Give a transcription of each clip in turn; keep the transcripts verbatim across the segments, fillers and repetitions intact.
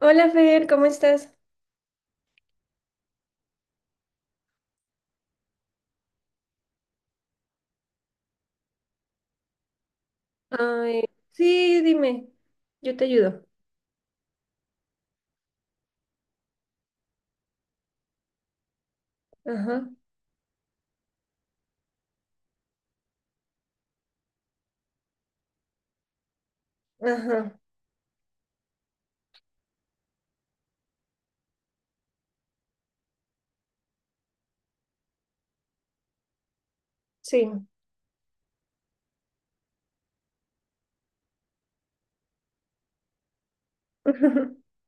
Hola Fer, ¿cómo estás? Ay, sí, dime, yo te ayudo. Ajá, ajá, sí.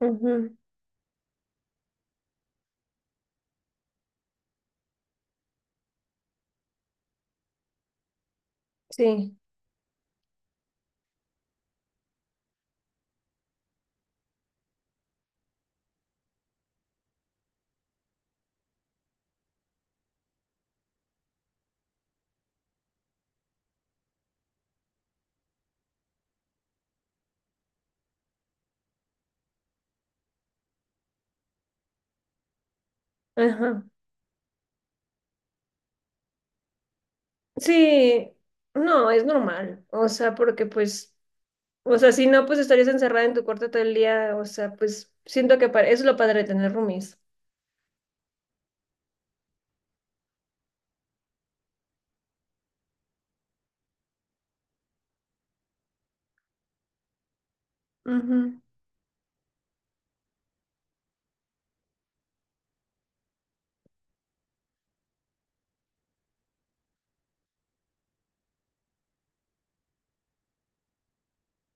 Ujú, sí, ajá. Sí, no, es normal. O sea, porque pues, o sea, si no, pues estarías encerrada en tu cuarto todo el día. O sea, pues siento que pa- eso es lo padre de tener roomies.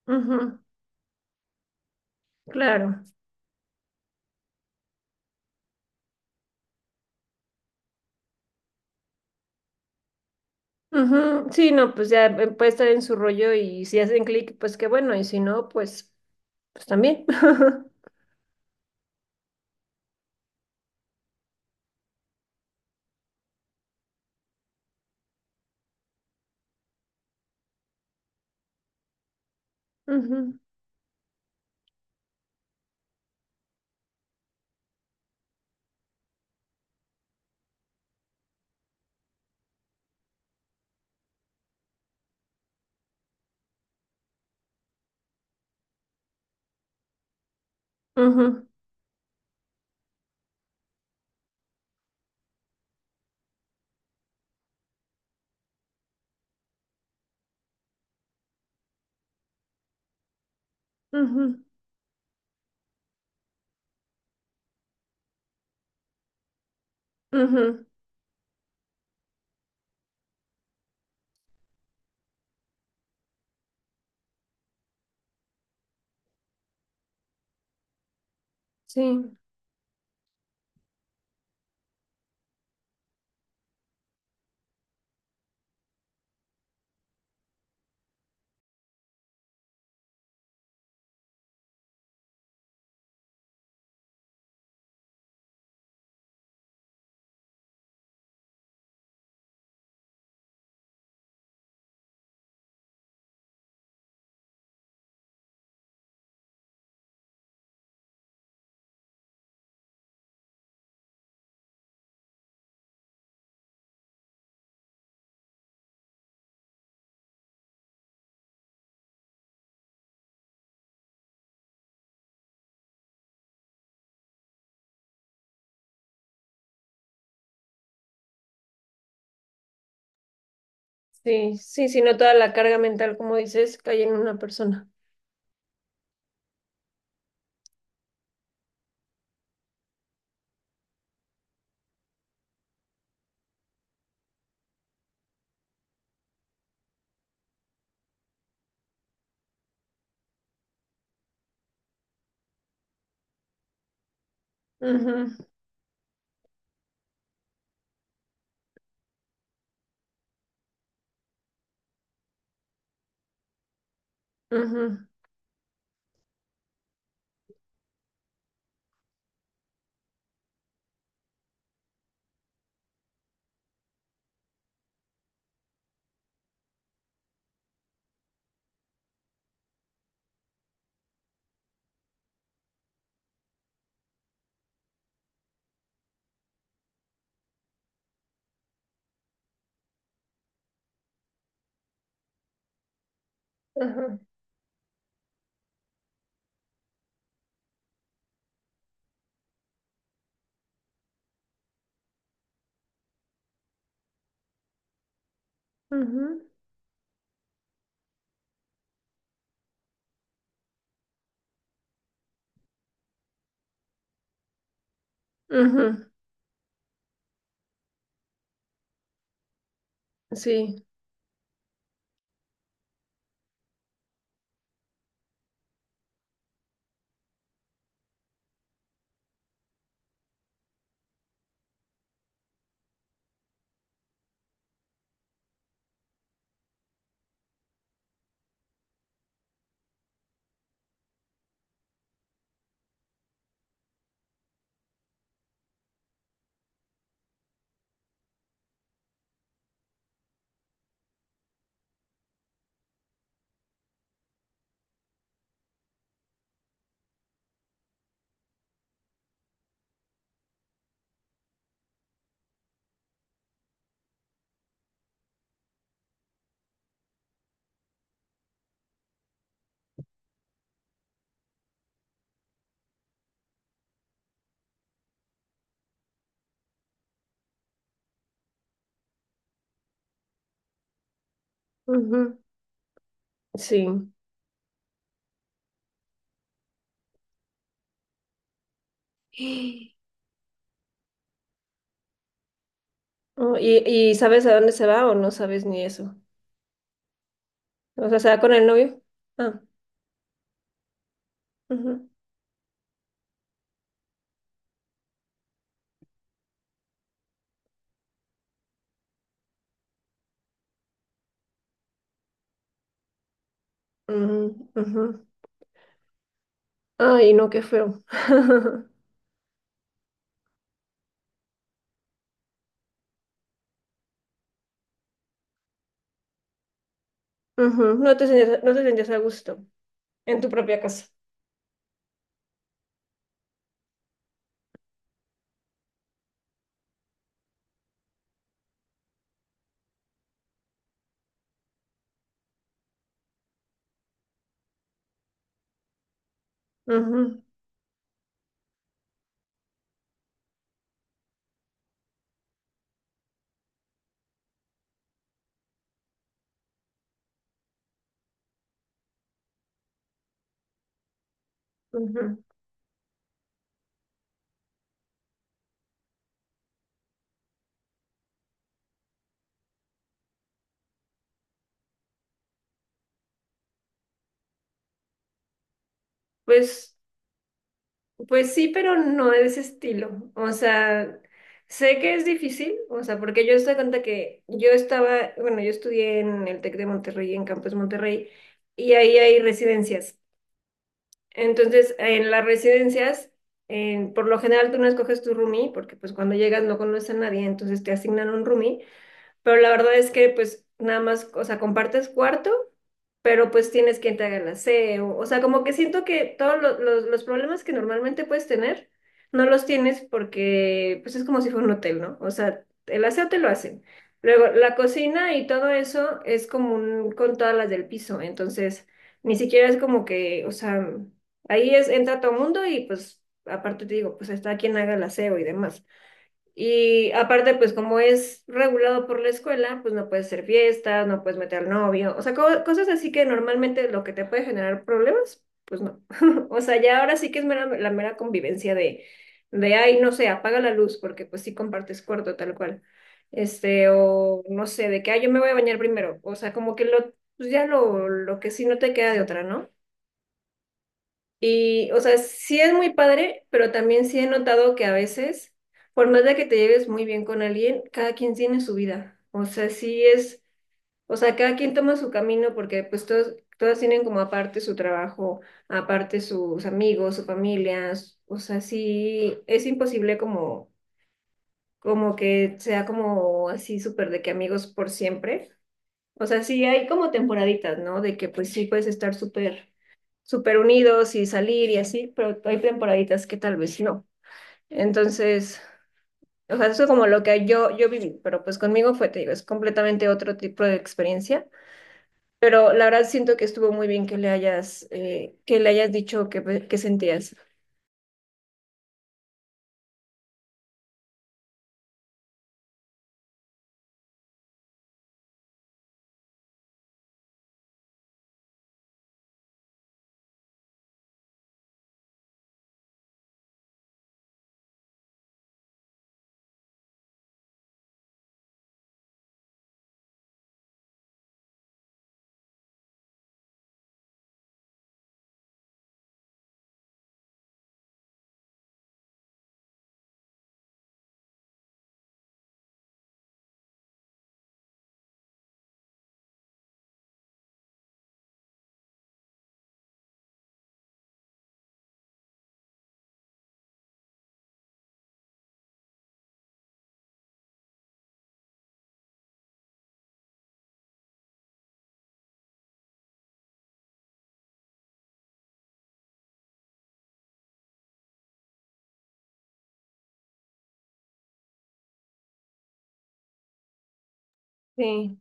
Ujú, ujú, claro. Ujú, sí, no, pues ya eh, puede estar en su rollo y si hacen clic, pues qué bueno. Y si no, pues, pues también. Ujú, ujú. Ujú, ujú. Sí, sí, sí, sí, no toda la carga mental, como dices, cae en una persona. Ujú, ujú, ujú, ujú, ujú. Sí, ujú, sí. Oh, ¿y, y sabes a dónde se va o no sabes ni eso? O sea, ¿se va con el novio? Ah, ujú, ujú, ujú. Ay, no, qué feo. Ujú, no te sentías, no te sentías a gusto en tu propia casa. Ujú, ujú. Pues. Pues sí, pero no de ese estilo. O sea, sé que es difícil, o sea, porque yo estoy cuenta que yo estaba, bueno, yo estudié en el TEC de Monterrey, en Campus Monterrey, y ahí hay residencias. Entonces, en las residencias, eh, por lo general tú no escoges tu roomie, porque pues cuando llegas no conoces a nadie, entonces te asignan un roomie. Pero la verdad es que pues nada más, o sea, compartes cuarto, pero pues tienes quien te haga el aseo. O sea, como que siento que todos lo- los, los problemas que normalmente puedes tener, no los tienes porque pues es como si fuera un hotel, ¿no? O sea, el aseo te lo hacen. Luego, la cocina y todo eso es común con todas las del piso. Entonces, ni siquiera es como que, o sea, ahí es, entra todo mundo y pues aparte te digo, pues está quien haga el aseo y demás. Y aparte, pues como es regulado por la escuela, pues no puedes hacer fiestas, no puedes meter al novio, o sea, co- cosas así que normalmente lo que te puede generar problemas. O sea, ya ahora sí que es mera- la mera convivencia de, de, ay, no sé, apaga la luz, porque pues sí compartes cuarto tal cual. Este, o no sé, de que, ay, yo me voy a bañar primero. O sea, como que lo, pues ya lo, lo que sí no te queda de otra, ¿no? Y, o sea, sí es muy padre, pero también sí he notado que a veces, por más de que te lleves muy bien con alguien, cada quien tiene su vida. O sea, sí es, o sea, cada quien toma su camino porque pues todos, todas tienen como aparte su trabajo, aparte sus amigos, su familia. s- O sea, sí es imposible como, como que sea como así súper de que amigos por siempre. O sea, sí hay como temporaditas, ¿no? De que pues sí puedes estar súper súper unidos y salir y así, pero hay temporaditas que tal vez no. Entonces, o sea, eso es como lo que yo, yo viví, pero pues conmigo fue, te digo, es completamente otro tipo de experiencia. Pero la verdad siento que estuvo muy bien que le hayas, eh, que le hayas dicho que, pues, que sentías. Sí,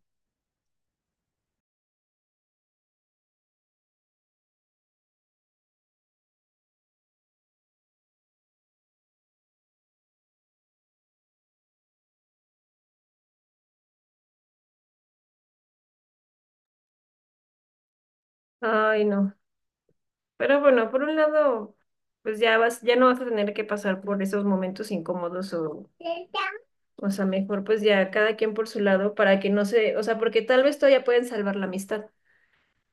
ay no. Pero bueno, por un lado, pues ya vas, ya no vas a tener que pasar por esos momentos incómodos o, o sea, mejor pues ya cada quien por su lado para que no se, o sea, porque tal vez todavía pueden salvar la amistad.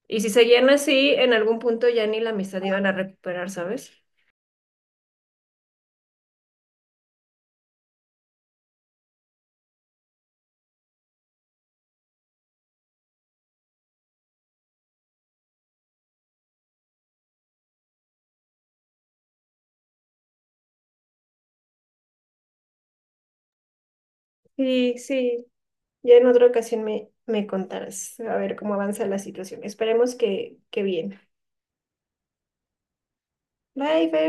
Y si seguían así, en algún punto ya ni la amistad iban a recuperar, ¿sabes? Sí, sí. Ya en otra ocasión me, me contarás a ver cómo avanza la situación. Esperemos que, que bien. Bye, Fer.